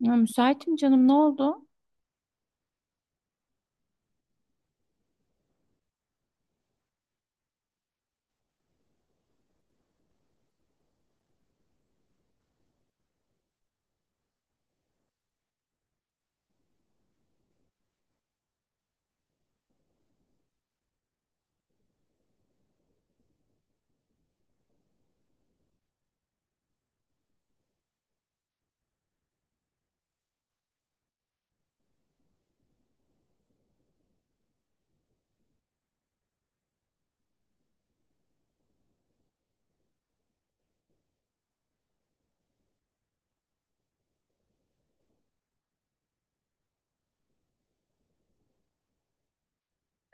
Ya müsaitim canım, ne oldu?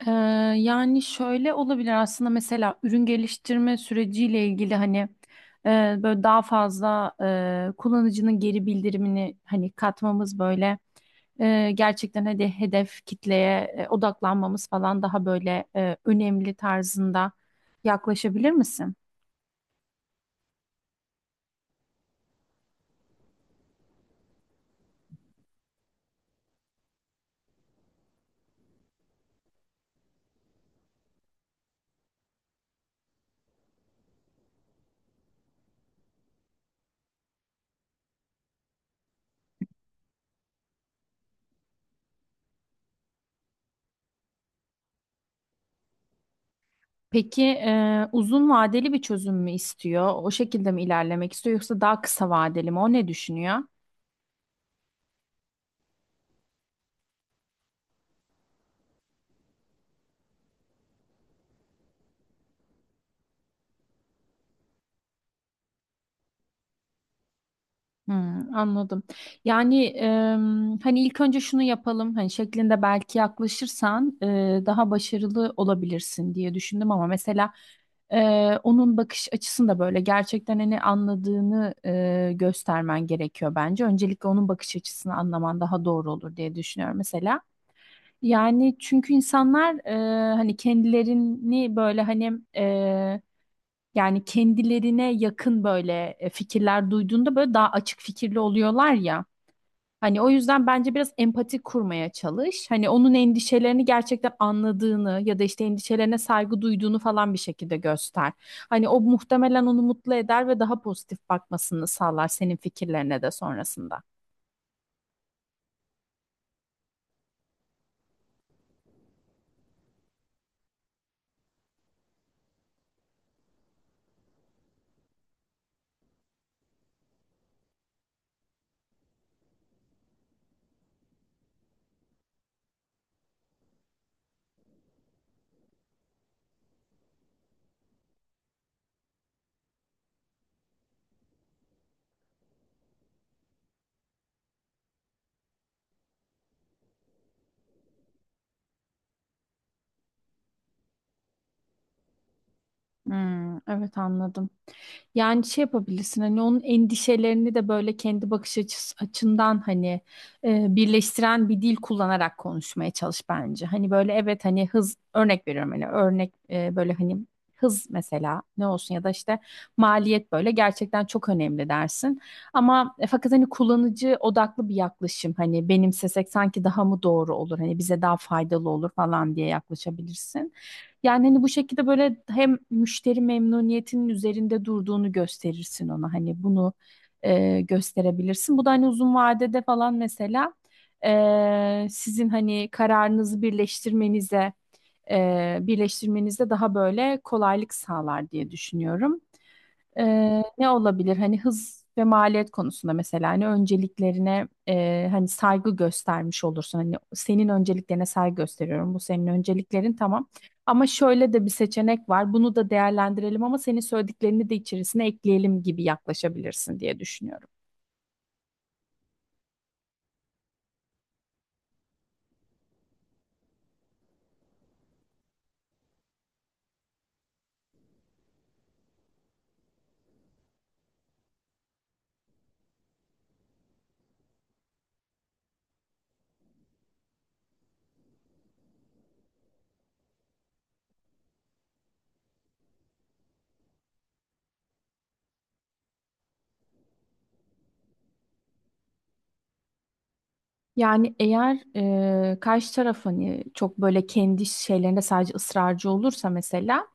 Ee, Yani şöyle olabilir aslında, mesela ürün geliştirme süreciyle ilgili hani e, böyle daha fazla kullanıcının geri bildirimini hani katmamız, böyle gerçekten hadi hedef kitleye odaklanmamız falan daha böyle önemli tarzında yaklaşabilir misin? Peki, uzun vadeli bir çözüm mü istiyor? O şekilde mi ilerlemek istiyor, yoksa daha kısa vadeli mi? O ne düşünüyor? Hmm, anladım. Yani hani ilk önce şunu yapalım hani şeklinde belki yaklaşırsan daha başarılı olabilirsin diye düşündüm, ama mesela e, onun bakış açısını da böyle gerçekten hani anladığını göstermen gerekiyor bence. Öncelikle onun bakış açısını anlaman daha doğru olur diye düşünüyorum mesela. Yani çünkü insanlar hani kendilerini böyle hani yani kendilerine yakın böyle fikirler duyduğunda böyle daha açık fikirli oluyorlar ya. Hani o yüzden bence biraz empati kurmaya çalış. Hani onun endişelerini gerçekten anladığını ya da işte endişelerine saygı duyduğunu falan bir şekilde göster. Hani o muhtemelen onu mutlu eder ve daha pozitif bakmasını sağlar senin fikirlerine de sonrasında. Hmm, evet, anladım. Yani şey yapabilirsin, hani onun endişelerini de böyle kendi bakış açısı, açından hani birleştiren bir dil kullanarak konuşmaya çalış bence. Hani böyle evet, hani hız, örnek veriyorum, hani örnek böyle hani hız mesela ne olsun, ya da işte maliyet böyle gerçekten çok önemli dersin. Ama fakat hani kullanıcı odaklı bir yaklaşım hani benimsesek sanki daha mı doğru olur, hani bize daha faydalı olur falan diye yaklaşabilirsin. Yani hani bu şekilde böyle hem müşteri memnuniyetinin üzerinde durduğunu gösterirsin ona. Hani bunu gösterebilirsin. Bu da hani uzun vadede falan mesela sizin hani kararınızı birleştirmenize birleştirmenize daha böyle kolaylık sağlar diye düşünüyorum. Ne olabilir? Hani hız ve maliyet konusunda mesela hani önceliklerine hani saygı göstermiş olursun. Hani senin önceliklerine saygı gösteriyorum. Bu senin önceliklerin, tamam. Ama şöyle de bir seçenek var. Bunu da değerlendirelim, ama senin söylediklerini de içerisine ekleyelim gibi yaklaşabilirsin diye düşünüyorum. Yani eğer karşı taraf hani çok böyle kendi şeylerinde sadece ısrarcı olursa, mesela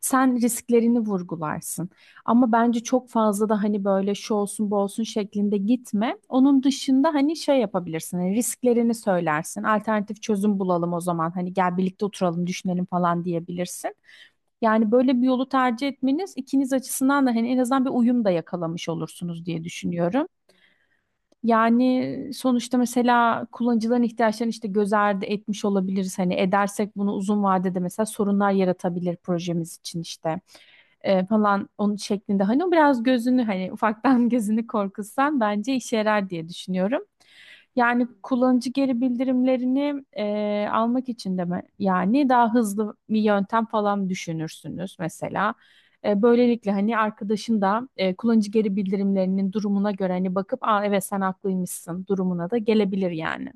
sen risklerini vurgularsın. Ama bence çok fazla da hani böyle şu olsun bu olsun şeklinde gitme. Onun dışında hani şey yapabilirsin, hani risklerini söylersin. Alternatif çözüm bulalım o zaman, hani gel birlikte oturalım düşünelim falan diyebilirsin. Yani böyle bir yolu tercih etmeniz ikiniz açısından da hani en azından bir uyum da yakalamış olursunuz diye düşünüyorum. Yani sonuçta mesela kullanıcıların ihtiyaçlarını işte göz ardı etmiş olabiliriz. Hani edersek bunu, uzun vadede mesela sorunlar yaratabilir projemiz için, işte falan onun şeklinde. Hani o biraz gözünü, hani ufaktan gözünü korkutsan bence işe yarar diye düşünüyorum. Yani kullanıcı geri bildirimlerini almak için de mi? Yani daha hızlı bir yöntem falan düşünürsünüz mesela. E, böylelikle hani arkadaşın da kullanıcı geri bildirimlerinin durumuna göre hani bakıp, aa evet sen haklıymışsın durumuna da gelebilir yani.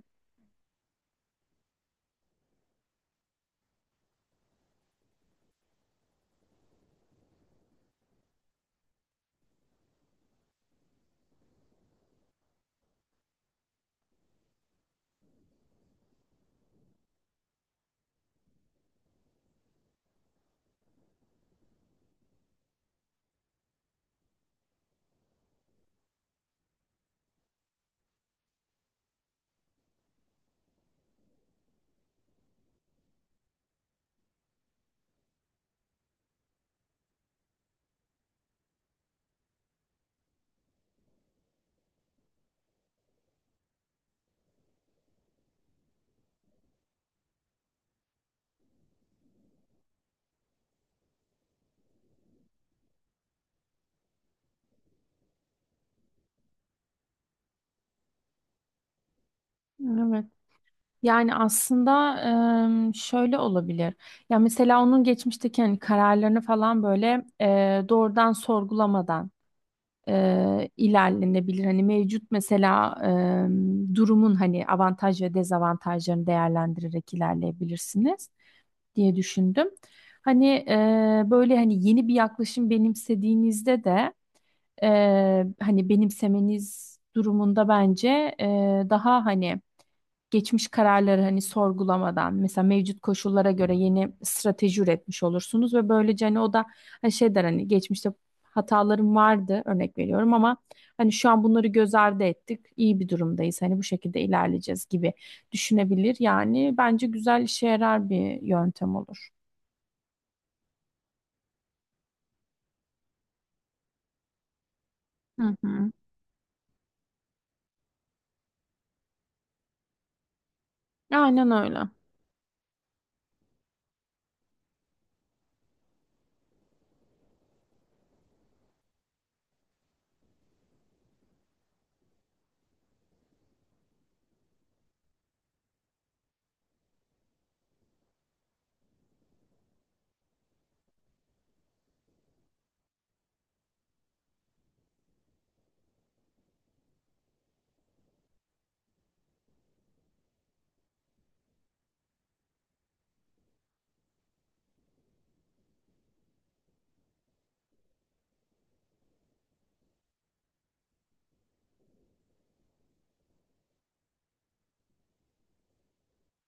Evet. Yani aslında şöyle olabilir. Ya mesela onun geçmişteki hani kararlarını falan böyle doğrudan sorgulamadan ilerlenebilir. Hani mevcut mesela durumun hani avantaj ve dezavantajlarını değerlendirerek ilerleyebilirsiniz diye düşündüm. Hani böyle hani yeni bir yaklaşım benimsediğinizde de e, hani benimsemeniz durumunda bence e, daha hani geçmiş kararları hani sorgulamadan, mesela mevcut koşullara göre yeni strateji üretmiş olursunuz, ve böylece hani o da hani şey der, hani geçmişte hatalarım vardı, örnek veriyorum, ama hani şu an bunları göz ardı ettik iyi bir durumdayız, hani bu şekilde ilerleyeceğiz gibi düşünebilir, yani bence güzel işe yarar bir yöntem olur. Hı hı. Aynen öyle.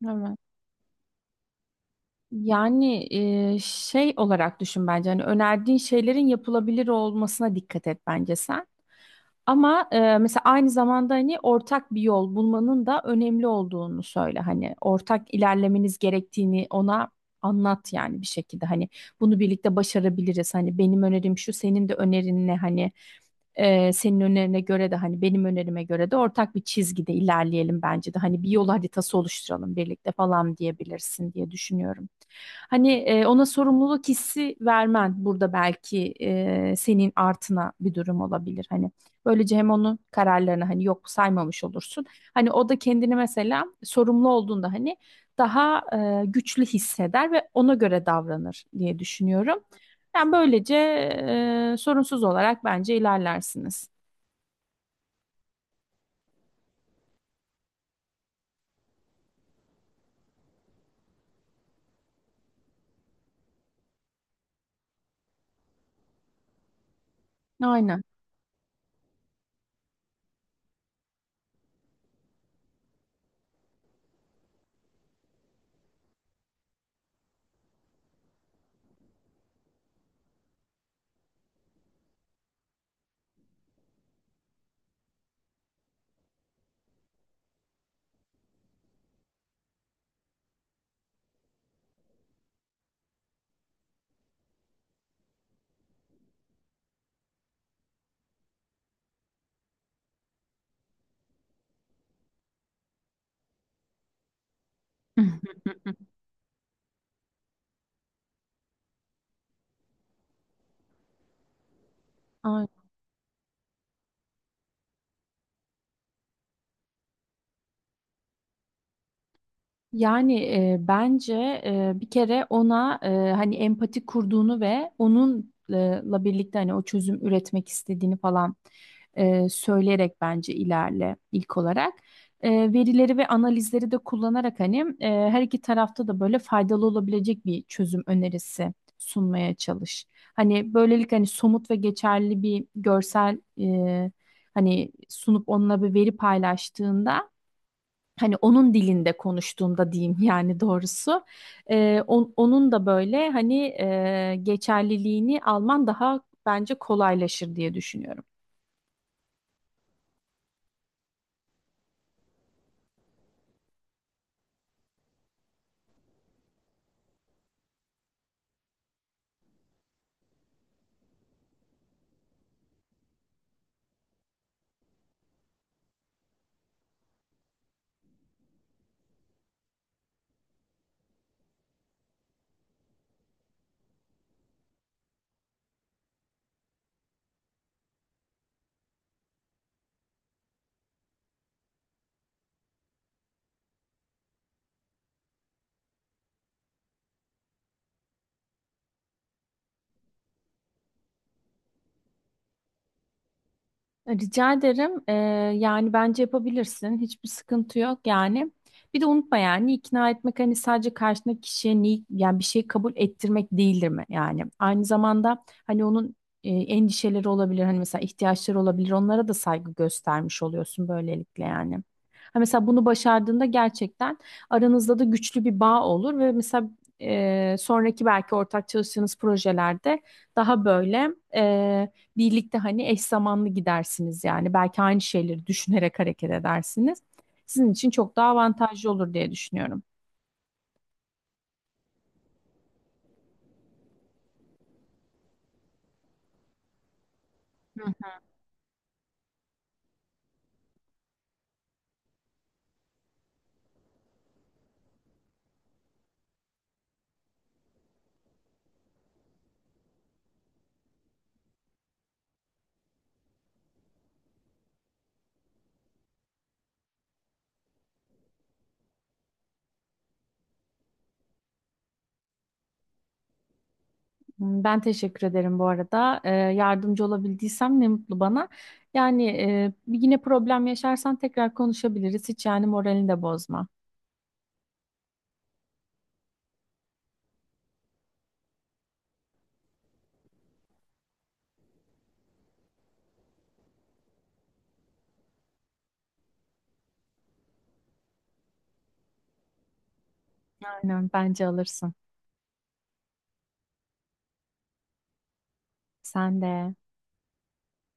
Evet. Yani şey olarak düşün bence, hani önerdiğin şeylerin yapılabilir olmasına dikkat et bence sen. Ama mesela aynı zamanda hani ortak bir yol bulmanın da önemli olduğunu söyle. Hani ortak ilerlemeniz gerektiğini ona anlat yani bir şekilde. Hani bunu birlikte başarabiliriz. Hani benim önerim şu, senin de önerin ne? Hani senin önerine göre de hani benim önerime göre de ortak bir çizgide ilerleyelim bence de. Hani bir yol haritası oluşturalım birlikte falan diyebilirsin diye düşünüyorum. Hani ona sorumluluk hissi vermen burada belki senin artına bir durum olabilir. Hani böylece hem onun kararlarını hani yok saymamış olursun. Hani o da kendini mesela sorumlu olduğunda hani daha güçlü hisseder ve ona göre davranır diye düşünüyorum. Yani böylece sorunsuz olarak bence ilerlersiniz. Aynen. Aynen. Yani bence bir kere ona hani empati kurduğunu ve onunla birlikte hani o çözüm üretmek istediğini falan söyleyerek bence ilerle ilk olarak. E, verileri ve analizleri de kullanarak hani her iki tarafta da böyle faydalı olabilecek bir çözüm önerisi sunmaya çalış. Hani böylelikle hani somut ve geçerli bir görsel hani sunup onunla bir veri paylaştığında, hani onun dilinde konuştuğunda diyeyim yani doğrusu onun da böyle hani geçerliliğini alman daha bence kolaylaşır diye düşünüyorum. Rica ederim. Yani bence yapabilirsin. Hiçbir sıkıntı yok yani. Bir de unutma, yani ikna etmek hani sadece karşındaki kişiye ni yani bir şey kabul ettirmek değildir mi yani. Aynı zamanda hani onun endişeleri olabilir. Hani mesela ihtiyaçları olabilir. Onlara da saygı göstermiş oluyorsun böylelikle yani. Ha mesela bunu başardığında gerçekten aranızda da güçlü bir bağ olur ve mesela sonraki belki ortak çalıştığınız projelerde daha böyle e, birlikte hani eş zamanlı gidersiniz yani. Belki aynı şeyleri düşünerek hareket edersiniz. Sizin için çok daha avantajlı olur diye düşünüyorum. Hı. Ben teşekkür ederim bu arada. Yardımcı olabildiysem ne mutlu bana. Yani yine problem yaşarsan tekrar konuşabiliriz. Hiç yani, moralini de bozma. Aynen, bence alırsın. Sen de.